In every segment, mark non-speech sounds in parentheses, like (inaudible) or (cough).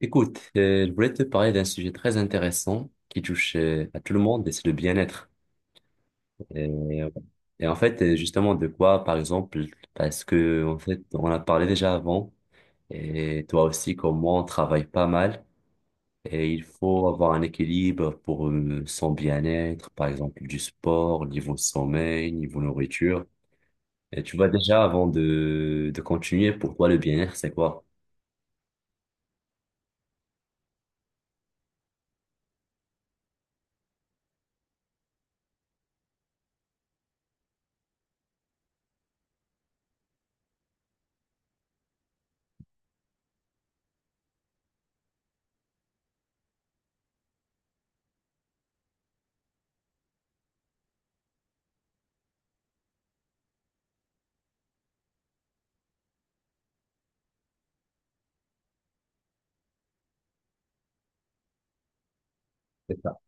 Écoute, je voulais te parler d'un sujet très intéressant qui touche à tout le monde et c'est le bien-être. Et, et en fait, justement, de quoi, par exemple, parce que en fait, on a parlé déjà avant et toi aussi, comme moi, on travaille pas mal et il faut avoir un équilibre pour son bien-être, par exemple, du sport, niveau sommeil, niveau nourriture. Et tu vois déjà, avant de continuer, pour toi, le bien-être, c'est quoi? C'est ça.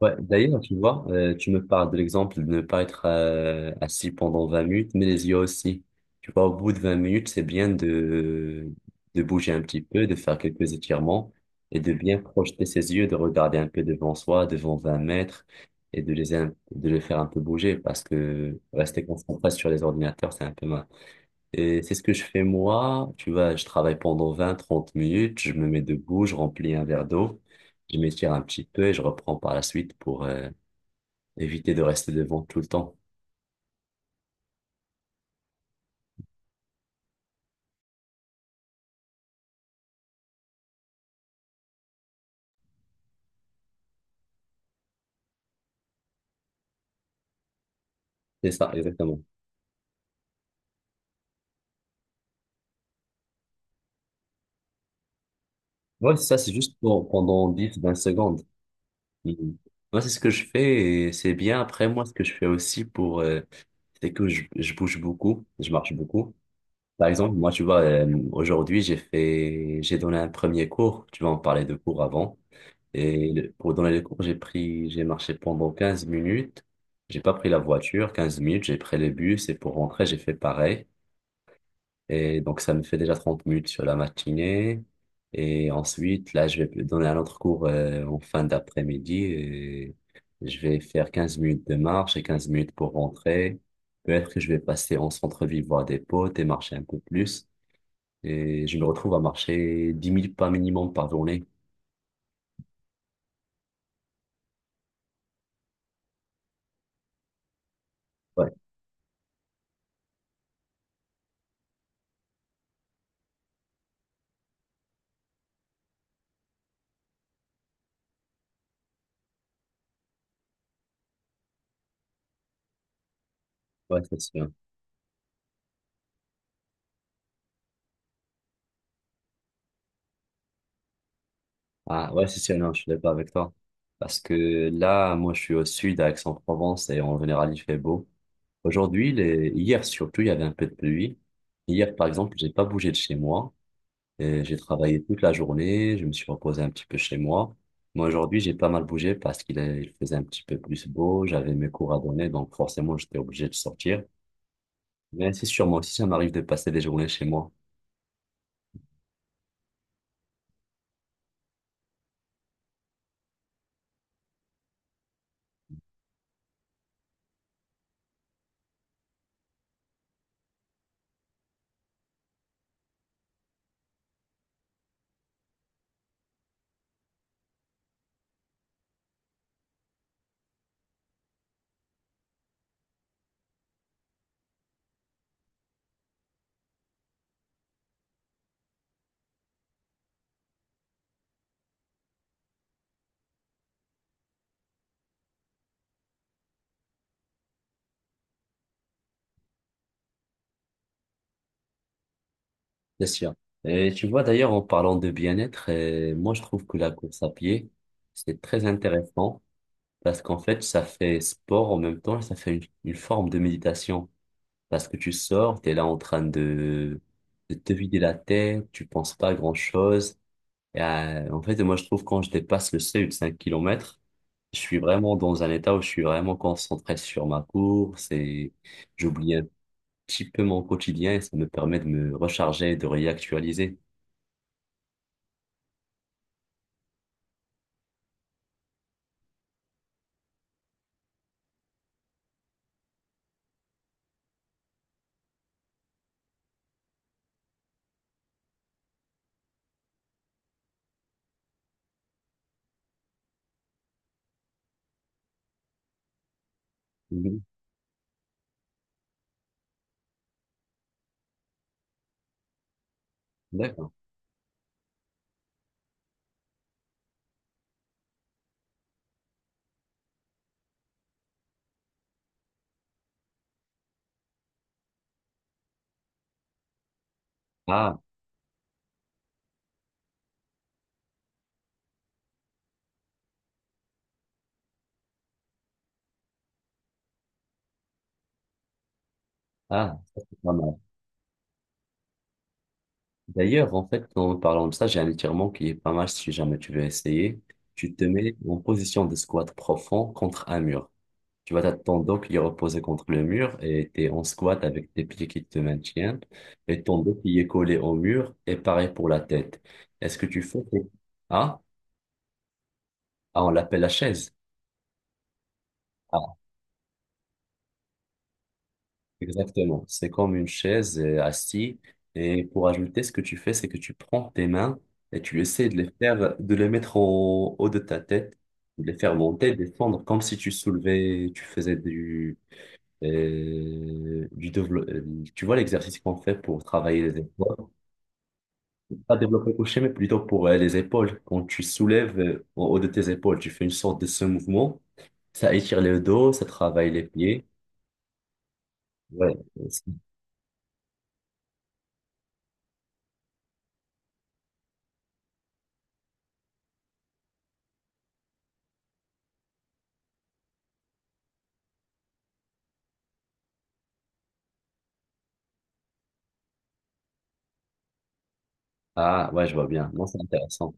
Ouais, d'ailleurs, tu vois, tu me parles de l'exemple de ne pas être assis pendant 20 minutes, mais les yeux aussi. Tu vois, au bout de 20 minutes, c'est bien de bouger un petit peu, de faire quelques étirements et de bien projeter ses yeux, de regarder un peu devant soi, devant 20 mètres et de les faire un peu bouger parce que rester concentré sur les ordinateurs, c'est un peu mal. Et c'est ce que je fais moi. Tu vois, je travaille pendant vingt trente minutes, je me mets debout, je remplis un verre d'eau, je m'étire un petit peu et je reprends par la suite pour éviter de rester devant tout le temps. C'est ça, exactement. Ouais, c'est ça, c'est juste pendant dix vingt secondes. Mhm. Moi, c'est ce que je fais et c'est bien. Après, moi, ce que je fais aussi pour, c'est que je bouge beaucoup, je marche beaucoup. Par exemple, moi, tu vois, aujourd'hui, j'ai donné un premier cours. Tu vois, on parlait de cours avant. Et pour donner les cours, j'ai marché pendant 15 minutes. J'ai pas pris la voiture, 15 minutes, j'ai pris le bus et pour rentrer, j'ai fait pareil. Et donc, ça me fait déjà 30 minutes sur la matinée. Et ensuite, là, je vais donner un autre cours en fin d'après-midi et je vais faire 15 minutes de marche et 15 minutes pour rentrer. Peut-être que je vais passer en centre-ville voir des potes et marcher un peu plus. Et je me retrouve à marcher dix 000 pas minimum par journée. Ouais, ouais, c'est sûr. Ah ouais, si, si, non, je suis d'accord avec toi. Parce que là, moi, je suis au sud, à Aix-en-Provence, et en général, il fait beau. Aujourd'hui, les... hier surtout, il y avait un peu de pluie. Hier, par exemple, j'ai pas bougé de chez moi. Et j'ai travaillé toute la journée, je me suis reposé un petit peu chez moi. Moi aujourd'hui, j'ai pas mal bougé parce qu'il est- il faisait un petit peu plus beau, j'avais mes cours à donner, donc forcément, j'étais obligé de sortir. Mais c'est sûr, moi aussi, ça m'arrive de passer des journées chez moi. Bien sûr. Et tu vois d'ailleurs en parlant de bien-être, moi je trouve que la course à pied, c'est très intéressant parce qu'en fait ça fait sport en même temps, et ça fait une forme de méditation parce que tu sors, tu es là en train de te vider la tête, tu penses pas à grand-chose. Et, en fait moi je trouve quand je dépasse le seuil de 5 km, je suis vraiment dans un état où je suis vraiment concentré sur ma course et j'oublie un petit peu mon quotidien et ça me permet de me recharger, de réactualiser. D'accord. Ah, ah, ça, c'est pas mal. D'ailleurs, en fait, en parlant de ça, j'ai un étirement qui est pas mal si jamais tu veux essayer. Tu te mets en position de squat profond contre un mur. Tu vas t'attendre ton dos qui est reposé contre le mur et t'es en squat avec tes pieds qui te maintiennent et ton dos qui est collé au mur et pareil pour la tête. Est-ce que tu fais... Ah, ah, on l'appelle la chaise. Exactement. C'est comme une chaise assis. Et pour ajouter, ce que tu fais, c'est que tu prends tes mains et tu essaies de les faire, de les mettre au haut de ta tête, de les faire monter, descendre, comme si tu soulevais, tu faisais du développement. Tu vois l'exercice qu'on fait pour travailler les épaules. Pas développer couché, mais plutôt pour les épaules. Quand tu soulèves au haut de tes épaules, tu fais une sorte de ce mouvement. Ça étire le dos, ça travaille les pieds. Ouais. Ah, ouais, je vois bien. Non, c'est intéressant.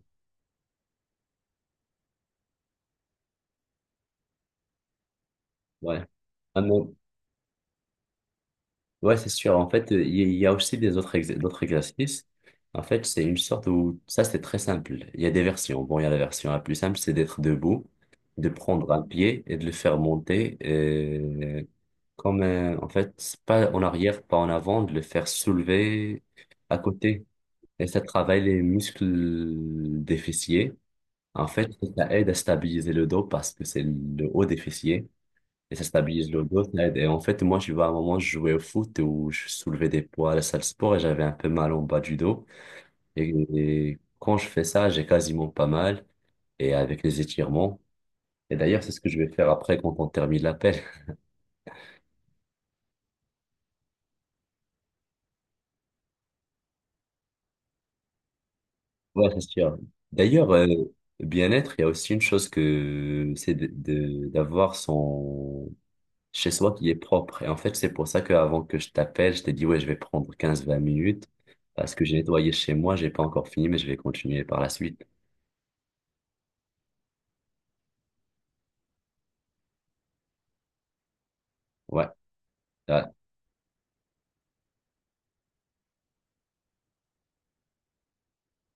Ouais. Ah non. Ouais, c'est sûr. En fait, il y a aussi d'autres exercices. En fait, c'est une sorte où ça, c'est très simple. Il y a des versions. Bon, il y a la version la plus simple, c'est d'être debout, de prendre un pied et de le faire monter. Comme, en fait, c'est pas en arrière, pas en avant, de le faire soulever à côté. Et ça travaille les muscles des fessiers. En fait, ça aide à stabiliser le dos parce que c'est le haut des fessiers. Et ça stabilise le dos, ça aide. Et en fait, moi, je vois, à un moment, je jouais au foot où je soulevais des poids à la salle de sport et j'avais un peu mal en bas du dos. Et, et quand je fais ça, j'ai quasiment pas mal. Et avec les étirements. Et d'ailleurs, c'est ce que je vais faire après quand on termine l'appel. (laughs) Ouais, c'est sûr. D'ailleurs, bien-être, il y a aussi une chose que c'est d'avoir son chez soi qui est propre. Et en fait, c'est pour ça qu'avant que je t'appelle, je t'ai dit, ouais, je vais prendre quinze vingt minutes parce que j'ai nettoyé chez moi, j'ai pas encore fini, mais je vais continuer par la suite. Ouais, ouais.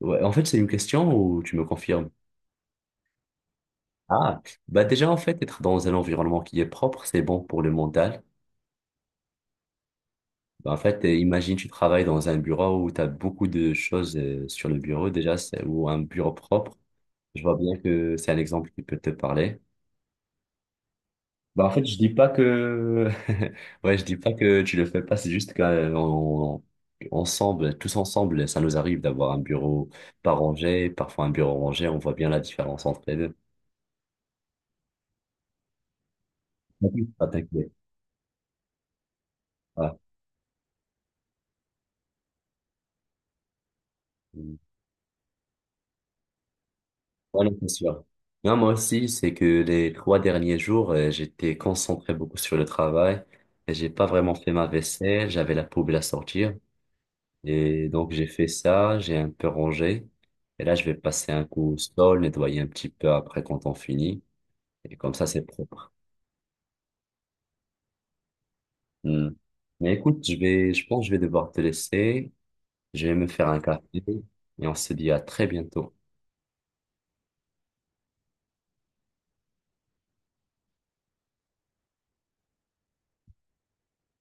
Ouais, en fait, c'est une question où tu me confirmes. Ah, bah déjà, en fait, être dans un environnement qui est propre, c'est bon pour le mental. Bah, en fait, imagine, tu travailles dans un bureau où tu as beaucoup de choses sur le bureau, déjà, ou un bureau propre. Je vois bien que c'est un exemple qui peut te parler. Bah, en fait, je dis pas que, (laughs) ouais, je dis pas que tu le fais pas, c'est juste qu'on, ensemble, tous ensemble, ça nous arrive d'avoir un bureau pas rangé, parfois un bureau rangé, on voit bien la différence entre les deux. Ah, t'inquiète. Mm. Ouais, non, c'est sûr. Non, moi aussi, c'est que les trois derniers jours, j'étais concentré beaucoup sur le travail et j'ai pas vraiment fait ma vaisselle, j'avais la poubelle à sortir et donc j'ai fait ça, j'ai un peu rangé et là je vais passer un coup au sol, nettoyer un petit peu après quand on finit et comme ça c'est propre. Mm. Mais écoute, je vais, je pense que je vais devoir te laisser, je vais me faire un café et on se dit à très bientôt.